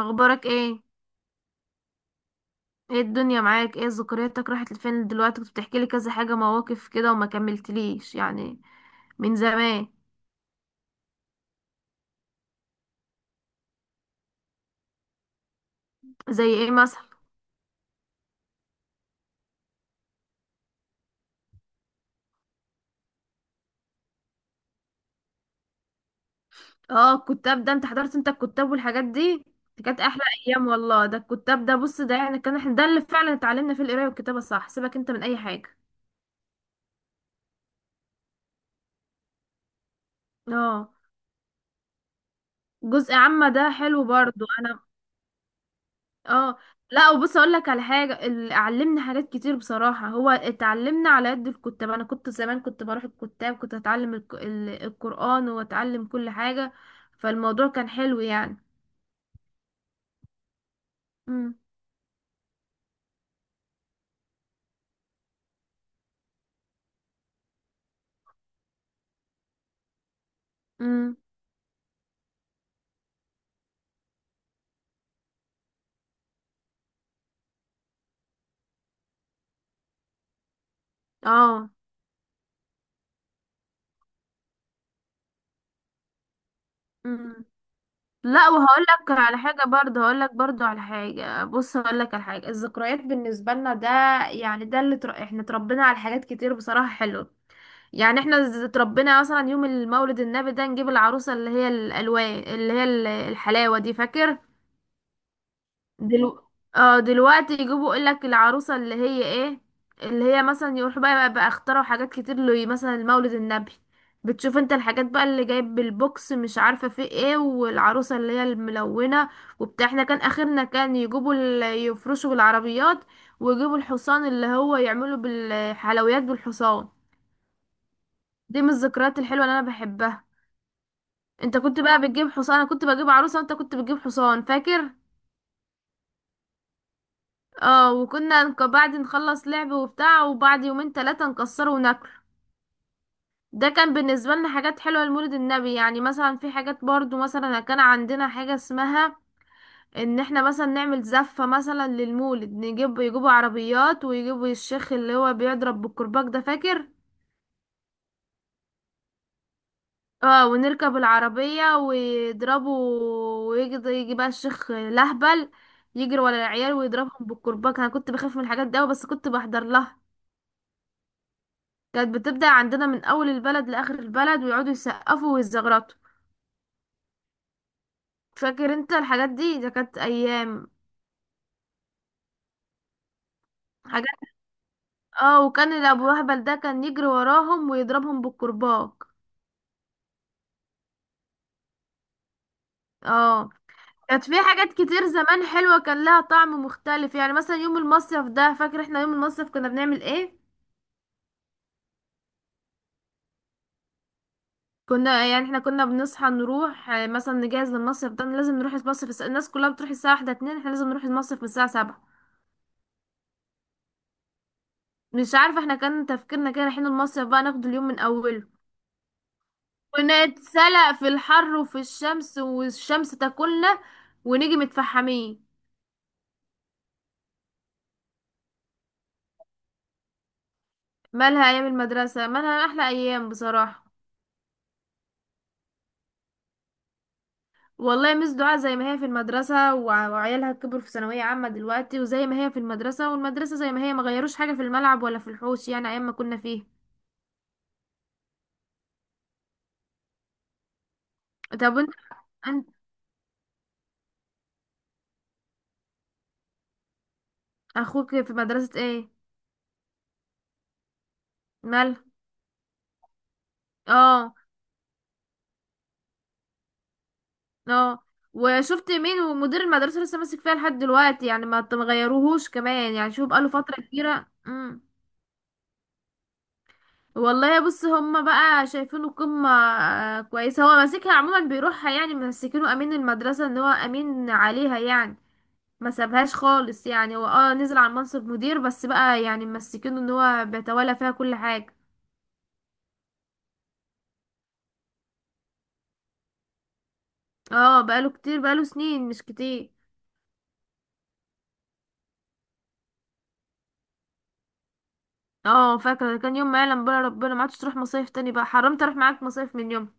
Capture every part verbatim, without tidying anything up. اخبارك ايه؟ ايه الدنيا معاك؟ ايه ذكرياتك؟ راحت لفين دلوقتي؟ كنت بتحكي لي كذا حاجه، مواقف كده وما كملتليش يعني، من زمان. زي ايه مثلا؟ اه، الكتاب ده، انت حضرت انت الكتاب والحاجات دي؟ دي كانت احلى ايام والله. ده الكتاب ده، بص، ده يعني كان احنا ده اللي فعلا اتعلمنا فيه القرايه والكتابه، صح؟ سيبك انت من اي حاجه. اه، جزء عامه ده حلو برضو، انا. اه. لا، وبص اقول لك على حاجه، ال- علمني حاجات كتير بصراحه. هو اتعلمنا على قد الكتاب، انا كنت زمان كنت بروح الكتاب، كنت اتعلم الك- ال- القران واتعلم كل حاجه، فالموضوع كان حلو يعني. امم. امم. اه. امم. لا، وهقول لك على حاجه برضه، هقول لك برضه على حاجه، بص هقول لك على حاجه. الذكريات بالنسبه لنا ده يعني، ده اللي تر... احنا اتربينا على حاجات كتير بصراحه حلوه. يعني احنا ز- اتربينا مثلا يوم المولد النبي ده، نجيب العروسة اللي هي الألوان، اللي هي ال- الحلاوة دي، فاكر؟ دلو... اه، دلوقتي يجيبوا، يقولك العروسة اللي هي ايه، اللي هي مثلا، يروحوا بقى بقى, بقى اخترعوا حاجات كتير له، مثلا المولد النبي بتشوف انت الحاجات بقى اللي جايب بالبوكس، مش عارفة فيه ايه، والعروسة اللي هي الملونة وبتاع. احنا كان اخرنا كان يجيبوا ال... يفرشوا بالعربيات ويجيبوا الحصان، اللي هو يعملوا بالحلويات بالحصان. دي من الذكريات الحلوة اللي انا بحبها. انت كنت بقى بتجيب حصان، انا كنت بجيب عروسه وانت كنت بتجيب حصان، فاكر؟ اه، وكنا نك- بعد نخلص لعب وبتاع، وبعد يومين ثلاثه نكسره وناكله. ده كان بالنسبه لنا حاجات حلوه لمولد النبي. يعني مثلا في حاجات برضو، مثلا كان عندنا حاجه اسمها ان احنا مثلا نعمل زفه مثلا للمولد، نجيب، يجيبوا عربيات ويجيبوا الشيخ اللي هو بيضرب بالكرباج ده، فاكر؟ اه، ونركب العربية ويضربوا، ويجي يجي بقى الشيخ الأهبل، يجري ورا العيال ويضربهم بالكرباج. انا كنت بخاف من الحاجات دي أوي، بس كنت بحضر لها. كانت بتبدأ عندنا من أول البلد لآخر البلد، ويقعدوا يسقفوا ويزغرطوا. فاكر انت الحاجات دي؟ ده كانت أيام، حاجات. اه، وكان الأبو أهبل ده كان يجري وراهم ويضربهم بالكرباج. اه، كانت في حاجات كتير زمان حلوة، كان لها طعم مختلف. يعني مثلا يوم المصيف ده، فاكر احنا يوم المصيف كنا بنعمل ايه؟ كنا يعني احنا كنا بنصحى نروح، آه، مثلا نجهز للمصيف. ده لازم نروح المصيف، الس- الناس كلها بتروح الساعة واحدة اتنين، احنا لازم نروح المصيف من الساعة سبعة. مش عارفة، احنا كان تفكيرنا كده، رايحين المصيف بقى ناخد اليوم من أوله، ونتسلق في الحر وفي الشمس، والشمس تاكلنا ونيجي متفحمين. مالها أيام المدرسة، مالها؟ أحلى أيام بصراحة. والله مس دعاء زي ما هي في المدرسة، وع- وعيالها كبروا في ثانوية عامة دلوقتي، وزي ما هي في المدرسة، والمدرسة زي ما هي، ما غيروش حاجة، في الملعب ولا في الحوش، يعني أيام ما كنا فيه. طب انت. اخوك في مدرسة ايه؟ مال. اه. اه، وشفت مين، ومدير المدرسة لسه ماسك فيها لحد دلوقتي يعني، ما تغيروهوش كمان يعني، شوف بقاله فترة كبيرة. امم. والله بص، هما بقى شايفينه قمة، آه، كويسة. هو ماسكها عموما، بيروحها يعني، ماسكينه امين المدرسة، ان هو امين عليها يعني، ما سابهاش خالص يعني. هو اه نزل على منصب مدير، بس بقى يعني ماسكينه ان هو بيتولى فيها كل حاجة. اه بقاله كتير، بقاله سنين، مش كتير. اه فاكرة، كان يوم ما يعلم بقى ربنا، ما عادش تروح مصايف تاني بقى، حرمت اروح معاك مصايف من يوم.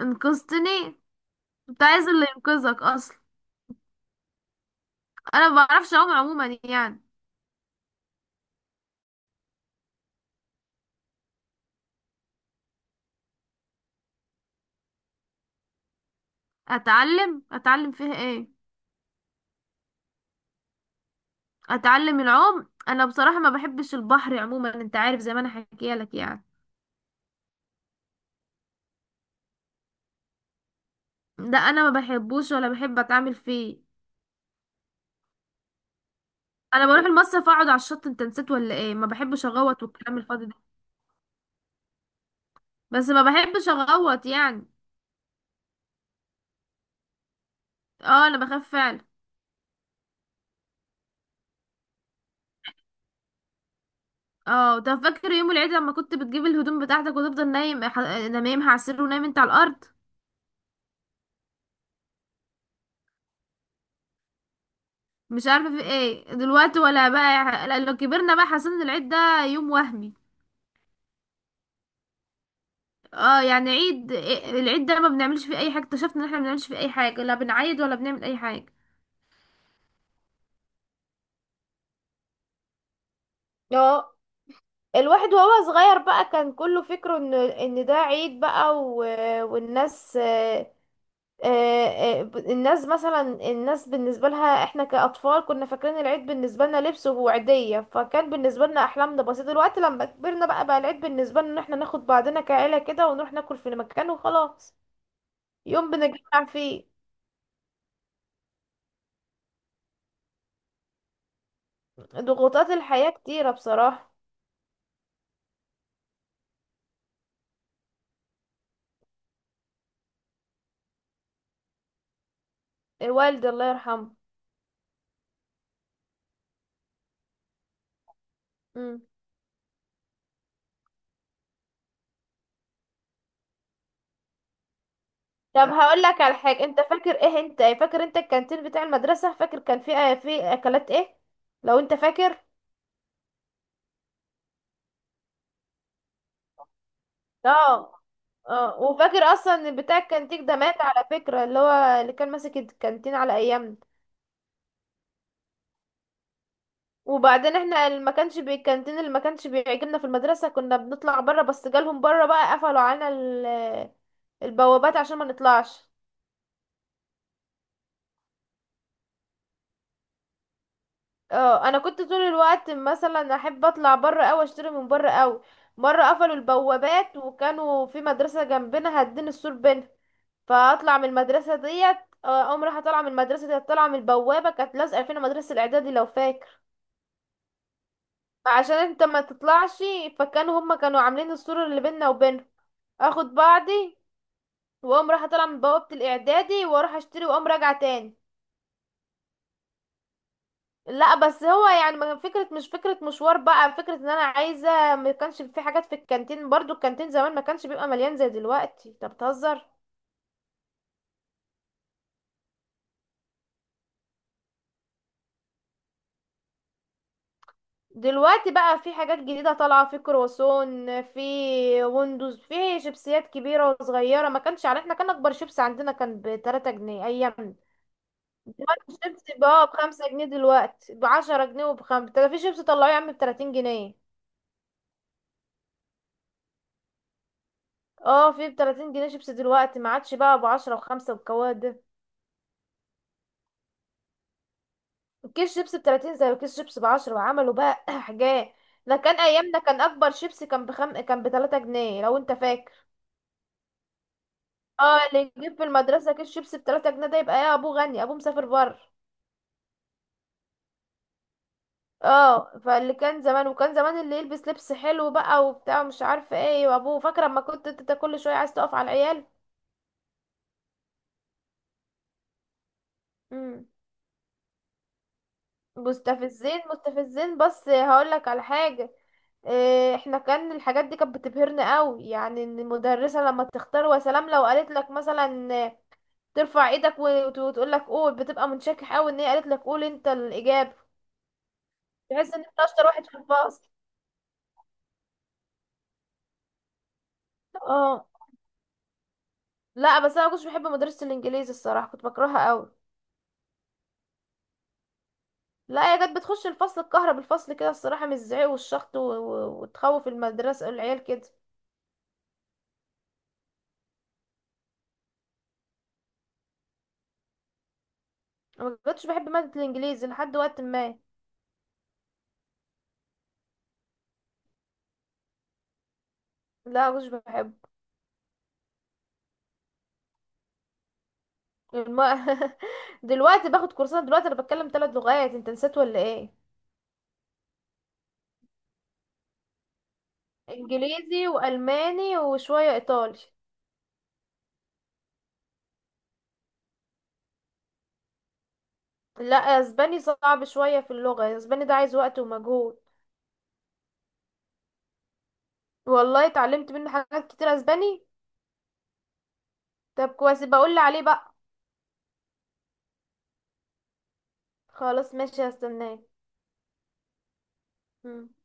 انقذتني؟ كنت عايز اللي ينقذك اصلا، انا ما بعرفش اعوم عموما يعني. اتعلم اتعلم فيها ايه؟ اتعلم العوم؟ انا بصراحة ما بحبش البحر عموما، انت عارف زي ما انا حكيت لك يعني. ده انا ما بحبوش ولا بحب اتعامل فيه. انا بروح المصيف اقعد على الشط، انت نسيت ولا ايه؟ ما بحبش اغوط والكلام الفاضي ده. بس ما بحبش اغوط يعني. اه، انا بخاف فعلا. اه، ده فاكر يوم العيد لما كنت بتجيب الهدوم بتاعتك وتفضل نايم، ح- نايمها على السرير ونايم انت على الارض؟ مش عارفه في ايه دلوقتي، ولا بقى لا- لو كبرنا بقى حسينا ان العيد ده يوم وهمي. اه، يعني عيد إيه- العيد ده ما بنعملش فيه اي حاجه، اكتشفنا ان احنا ما بنعملش فيه اي حاجه، لا بنعيد ولا بنعمل اي حاجه. اه. الواحد وهو صغير بقى كان كله فكره ان ان ده عيد بقى و... والناس، آه، آه، ب- الناس مثلا، الناس بالنسبة لها احنا كأطفال كنا فاكرين العيد بالنسبة لنا لبس وعيدية، فكان بالنسبة لنا أحلامنا بسيطة. دلوقتي لما كبرنا بقى، بقى العيد بالنسبة لنا ان احنا ناخد بعضنا كعيلة كده ونروح ناكل في مكان وخلاص، يوم بنتجمع فيه. ضغوطات الحياة كتيرة بصراحة. والدي الله يرحمه. مم. طب هقول لك على حاجة، انت فاكر ايه؟ انت فاكر انت الكانتين بتاع المدرسة، فاكر كان فيه في اكلات ايه، لو انت فاكر؟ اه. اه، وفاكر اصلا ان بتاع الكانتين ده مات على فكرة، اللي هو اللي كان ماسك الكانتين على ايامنا؟ وبعدين احنا اللي ما كانش بي- الكانتين اللي ما كانش بيعجبنا في المدرسة، كنا بنطلع بره، بس جالهم بره بقى قفلوا علينا ال- البوابات عشان ما نطلعش. اه، انا كنت طول الوقت مثلا احب اطلع بره او اشتري من بره، او مرة قفلوا البوابات، وكانوا في مدرسة جنبنا هدين السور بينها، فاطلع من المدرسه ديت، آه، اقوم رايحه طالعه من المدرسه ديت، طالعه من البوابه، كانت لازقه فينا مدرسه الاعدادي لو فاكر. عشان انت ما تطلعش، فكانوا هما كانوا عاملين السور اللي بيننا وبينهم، اخد بعضي واقوم رايحه طالعه من بوابه الاعدادي واروح اشتري واقوم راجعه تاني. لا، بس هو يعني ما كان فكره، مش فكره مشوار بقى، فكره ان انا عايزه. ما كانش في حاجات في الكانتين برضو، الكانتين زمان ما كانش بيبقى مليان زي دلوقتي، انت بتهزر. دلوقتي بقى في حاجات جديدة طالعة، في كرواسون، في ويندوز، في شيبسيات كبيرة وصغيرة، ما كانش على. احنا كان أكبر شيبس عندنا كان بتلاتة جنيه، أيام. دلوقتي الشيبس بقى بخمسة جنيه، دلوقتي بعشرة جنيه، وبخمسة ده في شيبس طلعوه يا عم بتلاتين جنيه. اه في بتلاتين جنيه شيبس دلوقتي، ما عادش بقى بعشرة وخمسة والكواد ده. كيس شيبس بتلاتين زي كيس شيبس بعشرة، وعملوا بقى حاجات. ده كان أيامنا كان أكبر شيبس كان بخم كان بتلاتة جنيه لو أنت فاكر. اه، اللي يجيب في المدرسة كيس شيبسي بتلاتة جنيه ده، يبقى ايه؟ ابوه غني، ابوه مسافر بره. اه، فاللي كان زمان، وكان زمان اللي يلبس لبس حلو بقى وبتاع، مش عارفة ايه، وابوه. فاكرة اما كنت انت كل شوية عايز تقف على العيال. مم. مستفزين، مستفزين، بس هقولك على حاجة. إيه، احنا كان الحاجات دي كانت بتبهرنا قوي، يعني ان المدرسة لما تختار وسلام، لو قالت لك مثلا، آه، ترفع ايدك وتقول لك قول، بتبقى منشكح قوي ان هي قالت لك قول انت الاجابة. تحس ان انت اشطر واحد في الفصل. اه. لا بس انا ما كنتش بحب مدرسة الانجليزي الصراحة، كنت بكرهها قوي. لا هي كانت بتخش الفصل الكهرب بالفصل كده الصراحة، من الزعيق والشخط و... و... وتخوف المدرسة العيال كده. أنا ما كنتش بحب مادة الانجليزي لحد وقت ما. لا ما كنتش بحب. الم... دلوقتي باخد كورسات، دلوقتي انا بتكلم ثلاث لغات، انت نسيت ولا ايه؟ انجليزي والماني وشوية ايطالي. لا اسباني صعب شوية، في اللغة اسباني ده عايز وقت ومجهود. والله اتعلمت منه حاجات كتير اسباني. طب كويس، بقول لي عليه بقى. خلاص ماشي هستناك. مم.